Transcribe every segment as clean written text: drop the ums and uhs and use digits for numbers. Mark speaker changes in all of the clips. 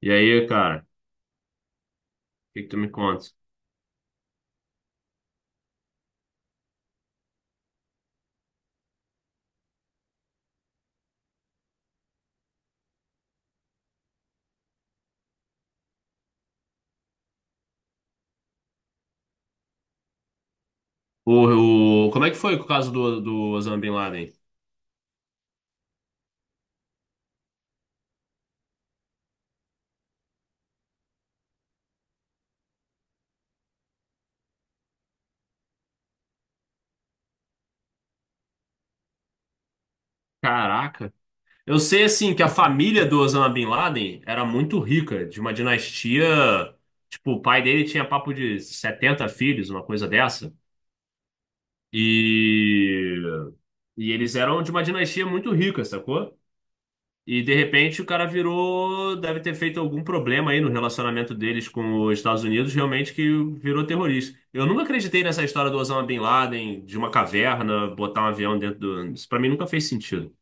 Speaker 1: E aí, cara, o que que tu me conta? O- como é que foi o caso do, do Osama Bin Laden? Caraca. Eu sei, assim, que a família do Osama Bin Laden era muito rica, de uma dinastia. Tipo, o pai dele tinha papo de 70 filhos, uma coisa dessa. E, e eles eram de uma dinastia muito rica, sacou? E de repente o cara virou, deve ter feito algum problema aí no relacionamento deles com os Estados Unidos, realmente que virou terrorista. Eu nunca acreditei nessa história do Osama Bin Laden, de uma caverna, botar um avião dentro do. Isso pra mim nunca fez sentido.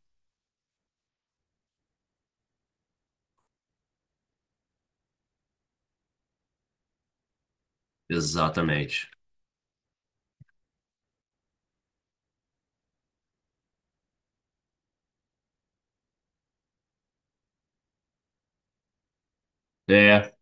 Speaker 1: Exatamente. É,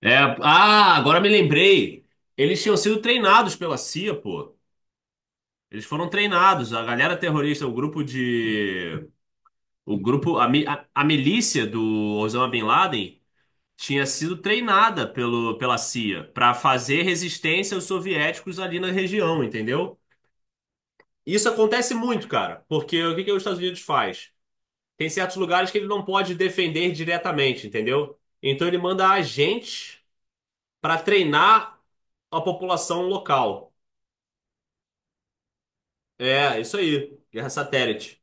Speaker 1: Ah, agora me lembrei. Eles tinham sido treinados pela CIA, pô. Eles foram treinados. A galera terrorista, o grupo de. O grupo. A milícia do Osama Bin Laden tinha sido treinada pelo, pela CIA para fazer resistência aos soviéticos ali na região, entendeu? Isso acontece muito, cara, porque o que que os Estados Unidos faz? Tem certos lugares que ele não pode defender diretamente, entendeu? Então ele manda agentes para treinar a população local. É, isso aí, guerra satélite.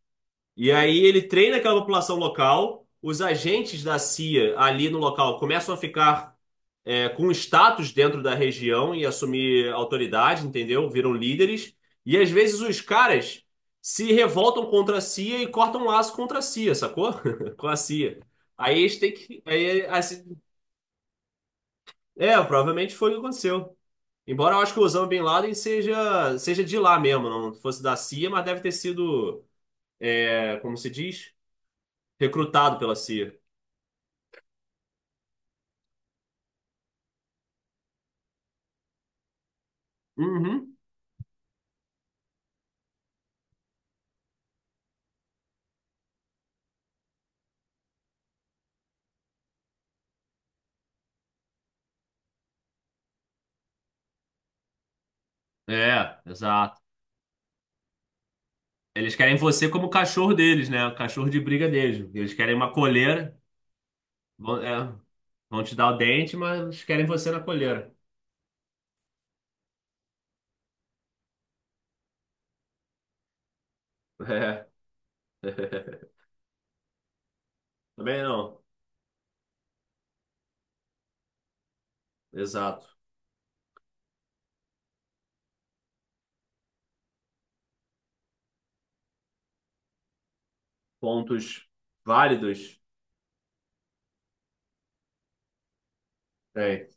Speaker 1: E aí ele treina aquela população local, os agentes da CIA ali no local começam a ficar com status dentro da região e assumir autoridade, entendeu? Viram líderes. E às vezes os caras se revoltam contra a CIA e cortam um laço contra a CIA, sacou? Com a CIA. Aí eles têm que. Aí, assim, provavelmente foi o que aconteceu. Embora eu acho que o Osama Bin Laden seja de lá mesmo, não fosse da CIA, mas deve ter sido, como se diz, recrutado pela CIA. Uhum. É, exato. Eles querem você como cachorro deles, né? O cachorro de briga deles. Eles querem uma coleira. Vão, vão te dar o dente, mas querem você na coleira. É. Também não. Exato. Pontos válidos. Tem.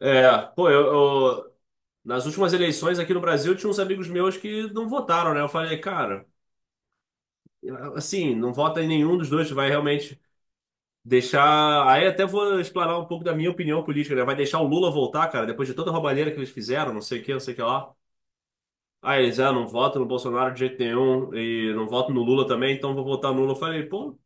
Speaker 1: É, pô, eu, eu- Nas últimas eleições aqui no Brasil tinha uns amigos meus que não votaram, né? Eu falei, cara, assim, não vota em nenhum dos dois, vai realmente deixar. Aí até vou explanar um pouco da minha opinião política, né? Vai deixar o Lula voltar, cara, depois de toda a roubalheira que eles fizeram, não sei o que, não sei o que lá. Aí eles, ah, não voto no Bolsonaro de jeito nenhum e não voto no Lula também, então vou votar no Lula. Eu falei, pô,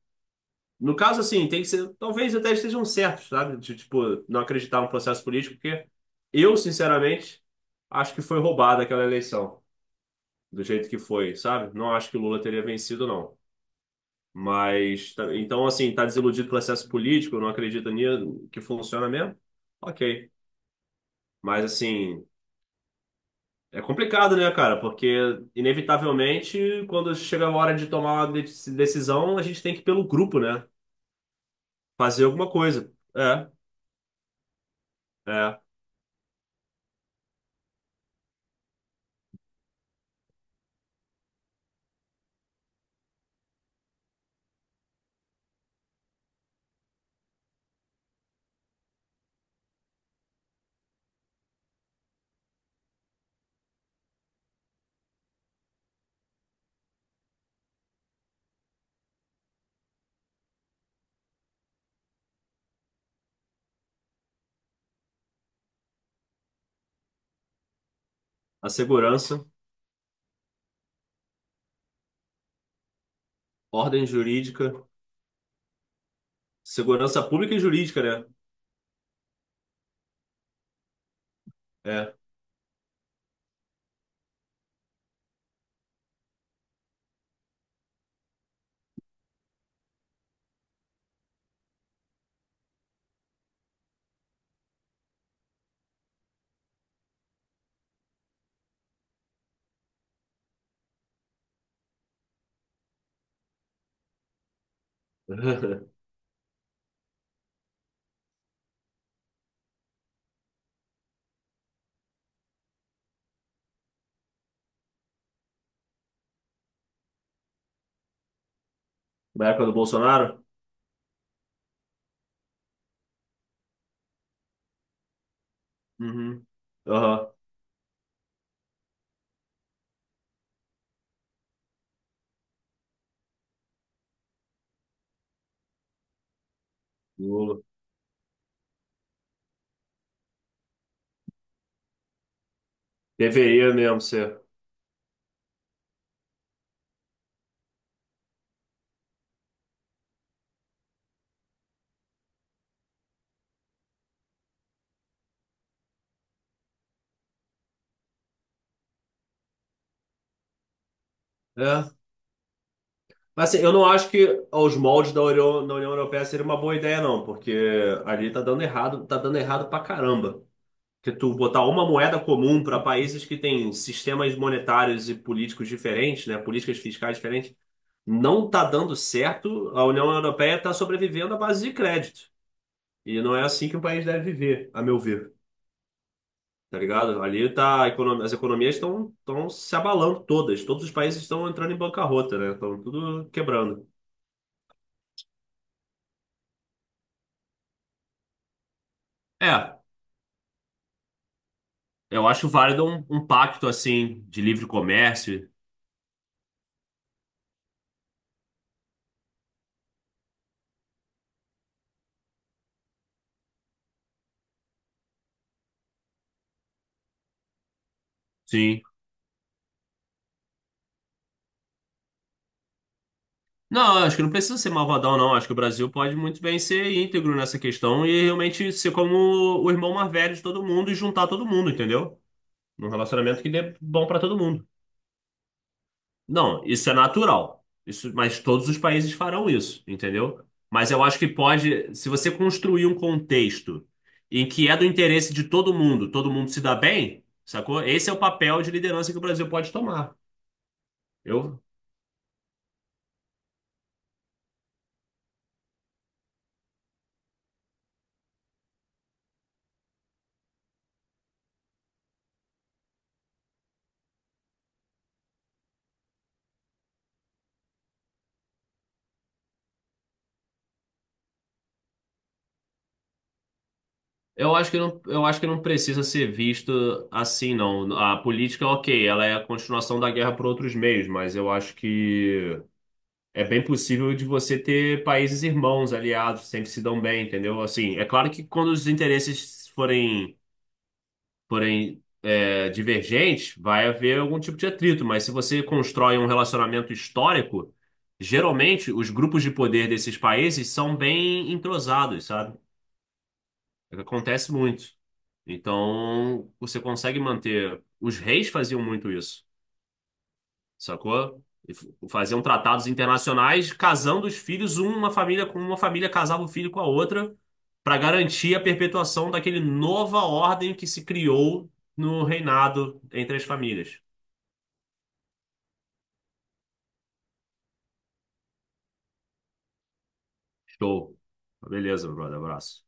Speaker 1: no caso assim, tem que ser, talvez até estejam certos, sabe? De, tipo, não acreditar no processo político, porque eu, sinceramente, acho que foi roubada aquela eleição, do jeito que foi, sabe? Não acho que o Lula teria vencido, não. Mas, tá- então, assim, tá desiludido com o processo político, não acredita nisso, que funciona mesmo? Ok. Mas, assim. É complicado, né, cara? Porque, inevitavelmente, quando chega a hora de tomar uma de- decisão, a gente tem que ir pelo grupo, né? Fazer alguma coisa. É. A segurança, ordem jurídica, segurança pública e jurídica, né? É. Na época do Bolsonaro? Uhum. Aham. Lula. Deveria mesmo ser. É. Mas assim, eu não acho que aos moldes da União Europeia seria uma boa ideia, não, porque ali tá dando errado pra caramba. Que tu botar uma moeda comum para países que têm sistemas monetários e políticos diferentes, né, políticas fiscais diferentes, não está dando certo. A União Europeia está sobrevivendo à base de crédito. E não é assim que um país deve viver, a meu ver. Tá ligado? Ali tá, a econo- as economias estão se abalando todas. Todos os países estão entrando em bancarrota, né? Estão tudo quebrando. É, eu acho válido um, um pacto assim de livre comércio. Sim. Não, acho que não precisa ser malvadão, não. Acho que o Brasil pode muito bem ser íntegro nessa questão e realmente ser como o irmão mais velho de todo mundo e juntar todo mundo, entendeu? Num relacionamento que dê bom pra todo mundo. Não, isso é natural. Isso, mas todos os países farão isso, entendeu? Mas eu acho que pode, se você construir um contexto em que é do interesse de todo mundo se dá bem, sacou? Esse é o papel de liderança que o Brasil pode tomar. Eu Eu acho que não, eu acho que não precisa ser visto assim, não. A política, ok, ela é a continuação da guerra por outros meios, mas eu acho que é bem possível de você ter países irmãos, aliados, sempre se dão bem, entendeu? Assim, é claro que quando os interesses forem, forem divergentes, vai haver algum tipo de atrito, mas se você constrói um relacionamento histórico, geralmente os grupos de poder desses países são bem entrosados, sabe? Acontece muito. Então, você consegue manter. Os reis faziam muito isso, sacou? Faziam tratados internacionais casando os filhos, uma família com uma família casava o filho com a outra, para garantir a perpetuação daquele nova ordem que se criou no reinado entre as famílias. Show. Beleza, brother. Abraço.